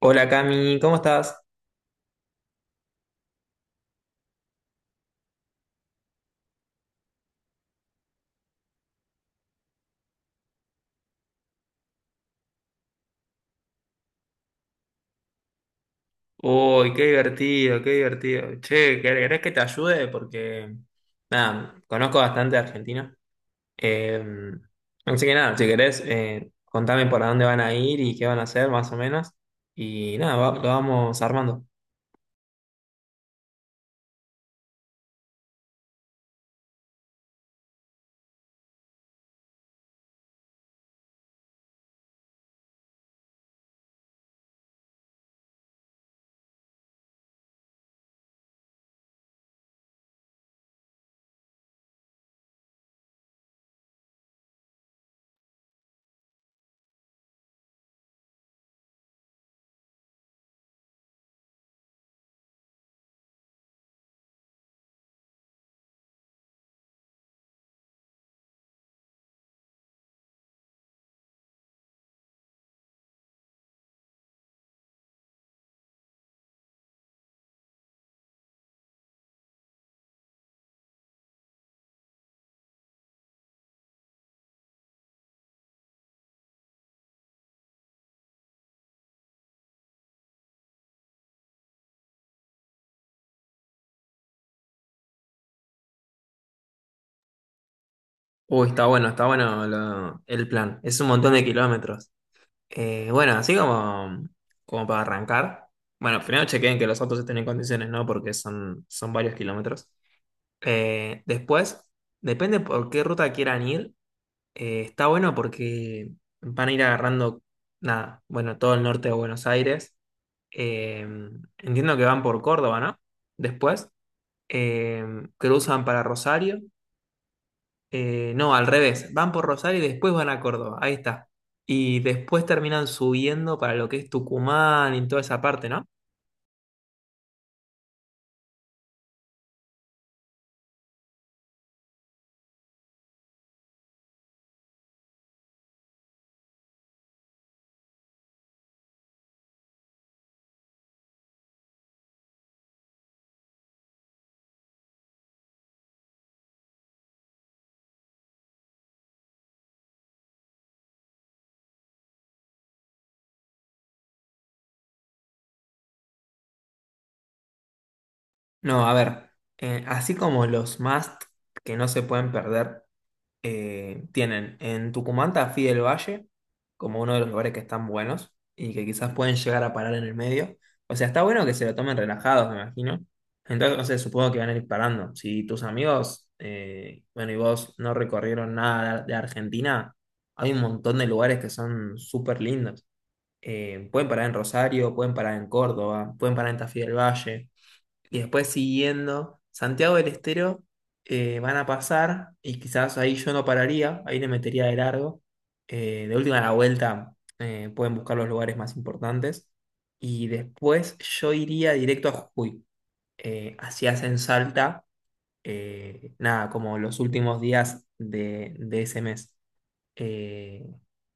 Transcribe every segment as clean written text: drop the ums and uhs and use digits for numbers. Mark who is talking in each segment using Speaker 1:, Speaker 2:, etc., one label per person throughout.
Speaker 1: Hola Cami, ¿cómo estás? Uy, qué divertido, qué divertido. Che, ¿querés que te ayude? Porque, nada, conozco bastante de Argentina. Eh, así que nada, si querés, contame por dónde van a ir y qué van a hacer, más o menos. Y nada, lo vamos armando. Uy, está bueno el plan. Es un montón de kilómetros. Bueno, así como para arrancar. Bueno, primero chequen que los autos estén en condiciones, ¿no? Porque son varios kilómetros. Después, depende por qué ruta quieran ir, está bueno porque van a ir agarrando, nada, bueno, todo el norte de Buenos Aires. Eh, entiendo que van por Córdoba, ¿no? Después, eh, cruzan para Rosario. No, al revés, van por Rosario y después van a Córdoba, ahí está. Y después terminan subiendo para lo que es Tucumán y toda esa parte, ¿no? No, a ver, así como los must que no se pueden perder. Eh, tienen en Tucumán Tafí del Valle como uno de los lugares que están buenos y que quizás pueden llegar a parar en el medio. O sea, está bueno que se lo tomen relajados, me imagino. Entonces, no sé, supongo que van a ir parando. Si tus amigos, bueno, y vos no recorrieron nada de Argentina, hay un montón de lugares que son súper lindos. Pueden parar en Rosario, pueden parar en Córdoba, pueden parar en Tafí del Valle y después siguiendo Santiago del Estero, van a pasar y quizás ahí yo no pararía, ahí le metería de largo. De última a la vuelta, pueden buscar los lugares más importantes y después yo iría directo a Jujuy. Así hacen Salta, nada, como los últimos días de ese mes eh,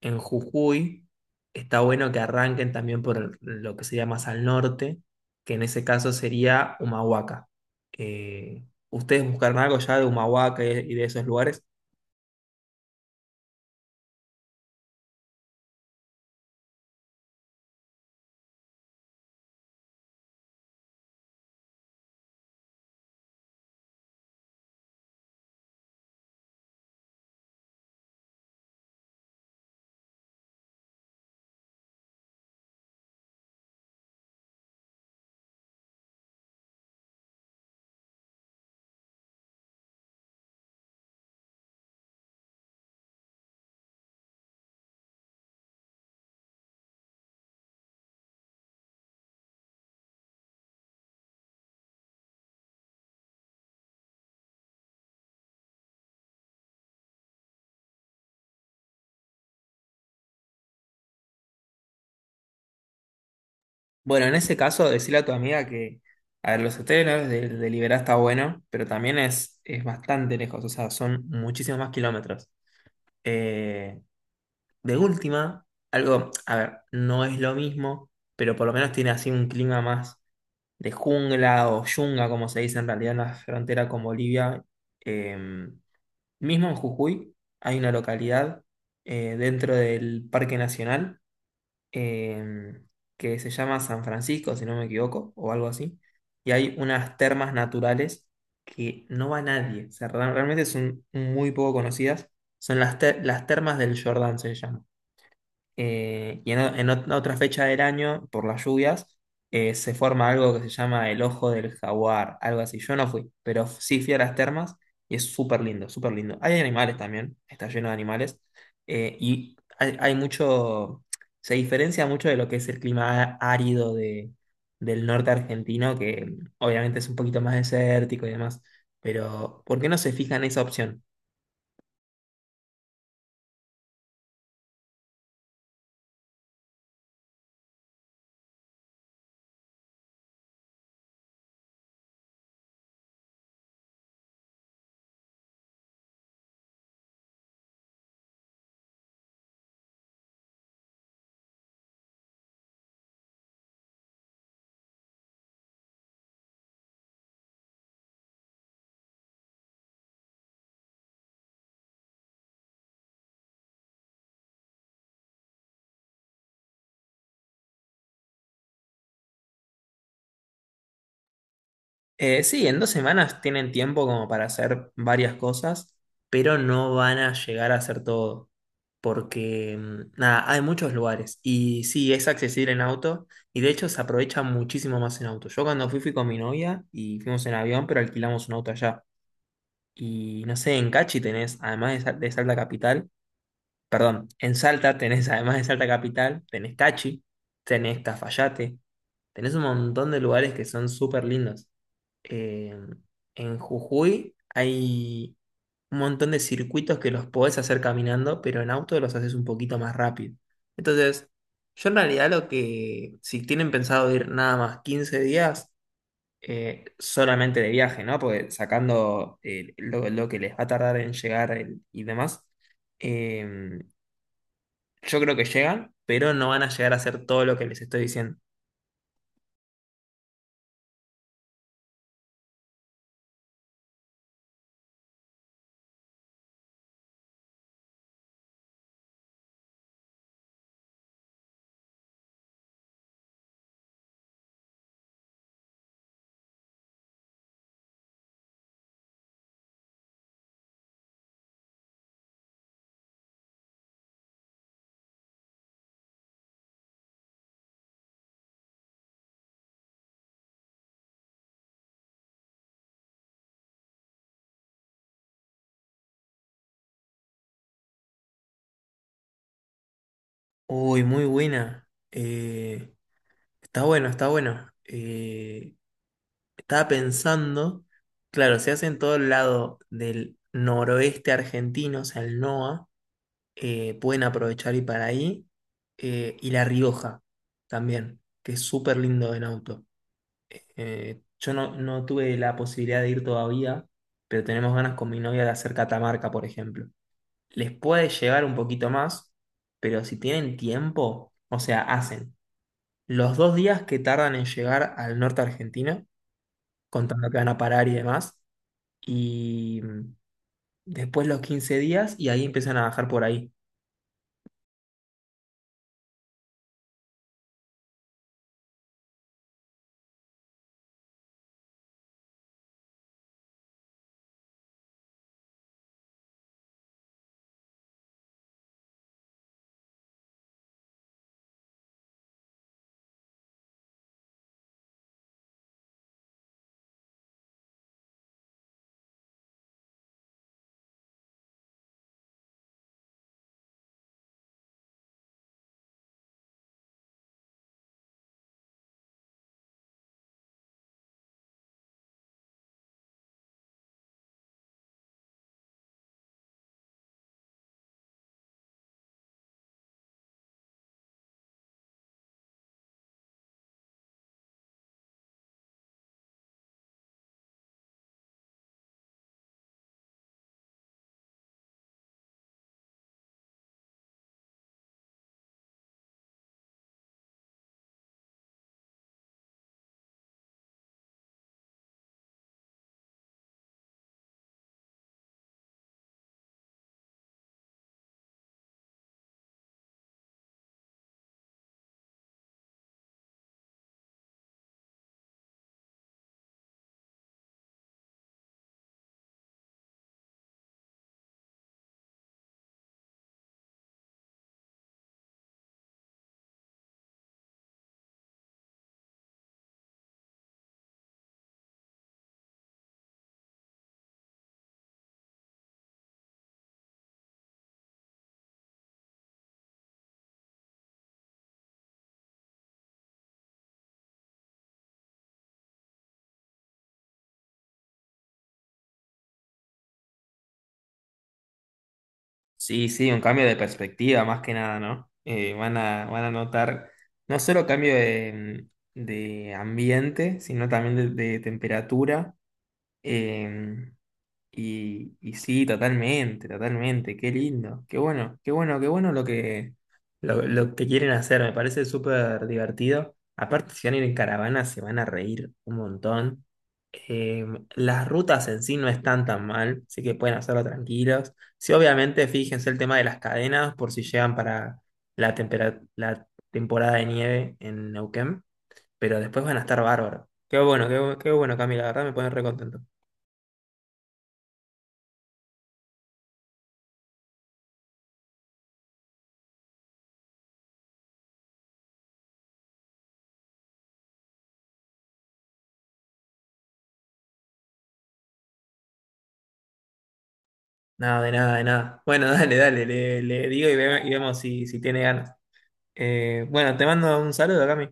Speaker 1: en Jujuy, está bueno que arranquen también por lo que sería más al norte, que en ese caso sería Humahuaca. ¿Ustedes buscaron algo ya de Humahuaca y de esos lugares? Bueno, en ese caso, decirle a tu amiga a ver, los hoteles, ¿no?, de Liberá está bueno, pero también es bastante lejos, o sea, son muchísimos más kilómetros. Eh, de última, algo, a ver, no es lo mismo, pero por lo menos tiene así un clima más de jungla o yunga, como se dice en realidad en la frontera con Bolivia. Eh, mismo en Jujuy hay una localidad, dentro del Parque Nacional, eh, que se llama San Francisco, si no me equivoco, o algo así. Y hay unas termas naturales que no va nadie. O sea, realmente son muy poco conocidas. Son las termas del Jordán, se llaman. En otra fecha del año, por las lluvias, se forma algo que se llama el ojo del jaguar, algo así. Yo no fui, pero sí fui a las termas y es súper lindo, súper lindo. Hay animales también, está lleno de animales, y hay mucho, se diferencia mucho de lo que es el clima árido de, del norte argentino, que obviamente es un poquito más desértico y demás, pero ¿por qué no se fija en esa opción? Sí, en dos semanas tienen tiempo como para hacer varias cosas, pero no van a llegar a hacer todo, porque mm, nada, hay muchos lugares y sí, es accesible en auto y de hecho se aprovecha muchísimo más en auto. Yo cuando fui con mi novia y fuimos en avión, pero alquilamos un auto allá. Y no sé, en Cachi tenés, además de, de Salta Capital, perdón, en Salta tenés, además de Salta Capital, tenés Cachi, tenés Cafayate, tenés un montón de lugares que son súper lindos, eh, en Jujuy hay un montón de circuitos que los podés hacer caminando, pero en auto los haces un poquito más rápido. Entonces, yo en realidad lo que, si tienen pensado ir nada más 15 días, solamente de viaje, ¿no? Porque sacando, lo que les va a tardar en llegar y demás, eh, yo creo que llegan, pero no van a llegar a hacer todo lo que les estoy diciendo. Uy, muy buena. Está bueno, está bueno. Estaba pensando, claro, se hace en todo el lado del noroeste argentino, o sea, el NOA, pueden aprovechar y para ahí, y La Rioja también, que es súper lindo en auto. Yo no, no tuve la posibilidad de ir todavía, pero tenemos ganas con mi novia de hacer Catamarca, por ejemplo. Les puede llevar un poquito más, pero si tienen tiempo, o sea, hacen los dos días que tardan en llegar al norte argentino, contando que van a parar y demás, y mm, después los 15 días y ahí empiezan a bajar por ahí. Sí, sí, un cambio de perspectiva más que nada, ¿no? Van a, van a notar no solo cambio de, mm, de ambiente, sino también de temperatura. Eh, Y, y sí, totalmente, totalmente, qué lindo, qué bueno, qué bueno, qué bueno lo que, lo que quieren hacer, me parece súper divertido. Aparte, si van a ir en caravana, se van a reír un montón. Eh, las rutas en sí no están tan mal, así que pueden hacerlo tranquilos. Sí, obviamente, fíjense el tema de las cadenas por si llegan para la temporada de nieve en Neuquén, pero después van a estar bárbaros. Qué bueno, qué bueno, Camila, la verdad me pone re contento. Nada, de nada, de nada. Bueno, dale, dale, le digo y, y vemos si, si tiene ganas. Bueno, te mando un saludo, Cami.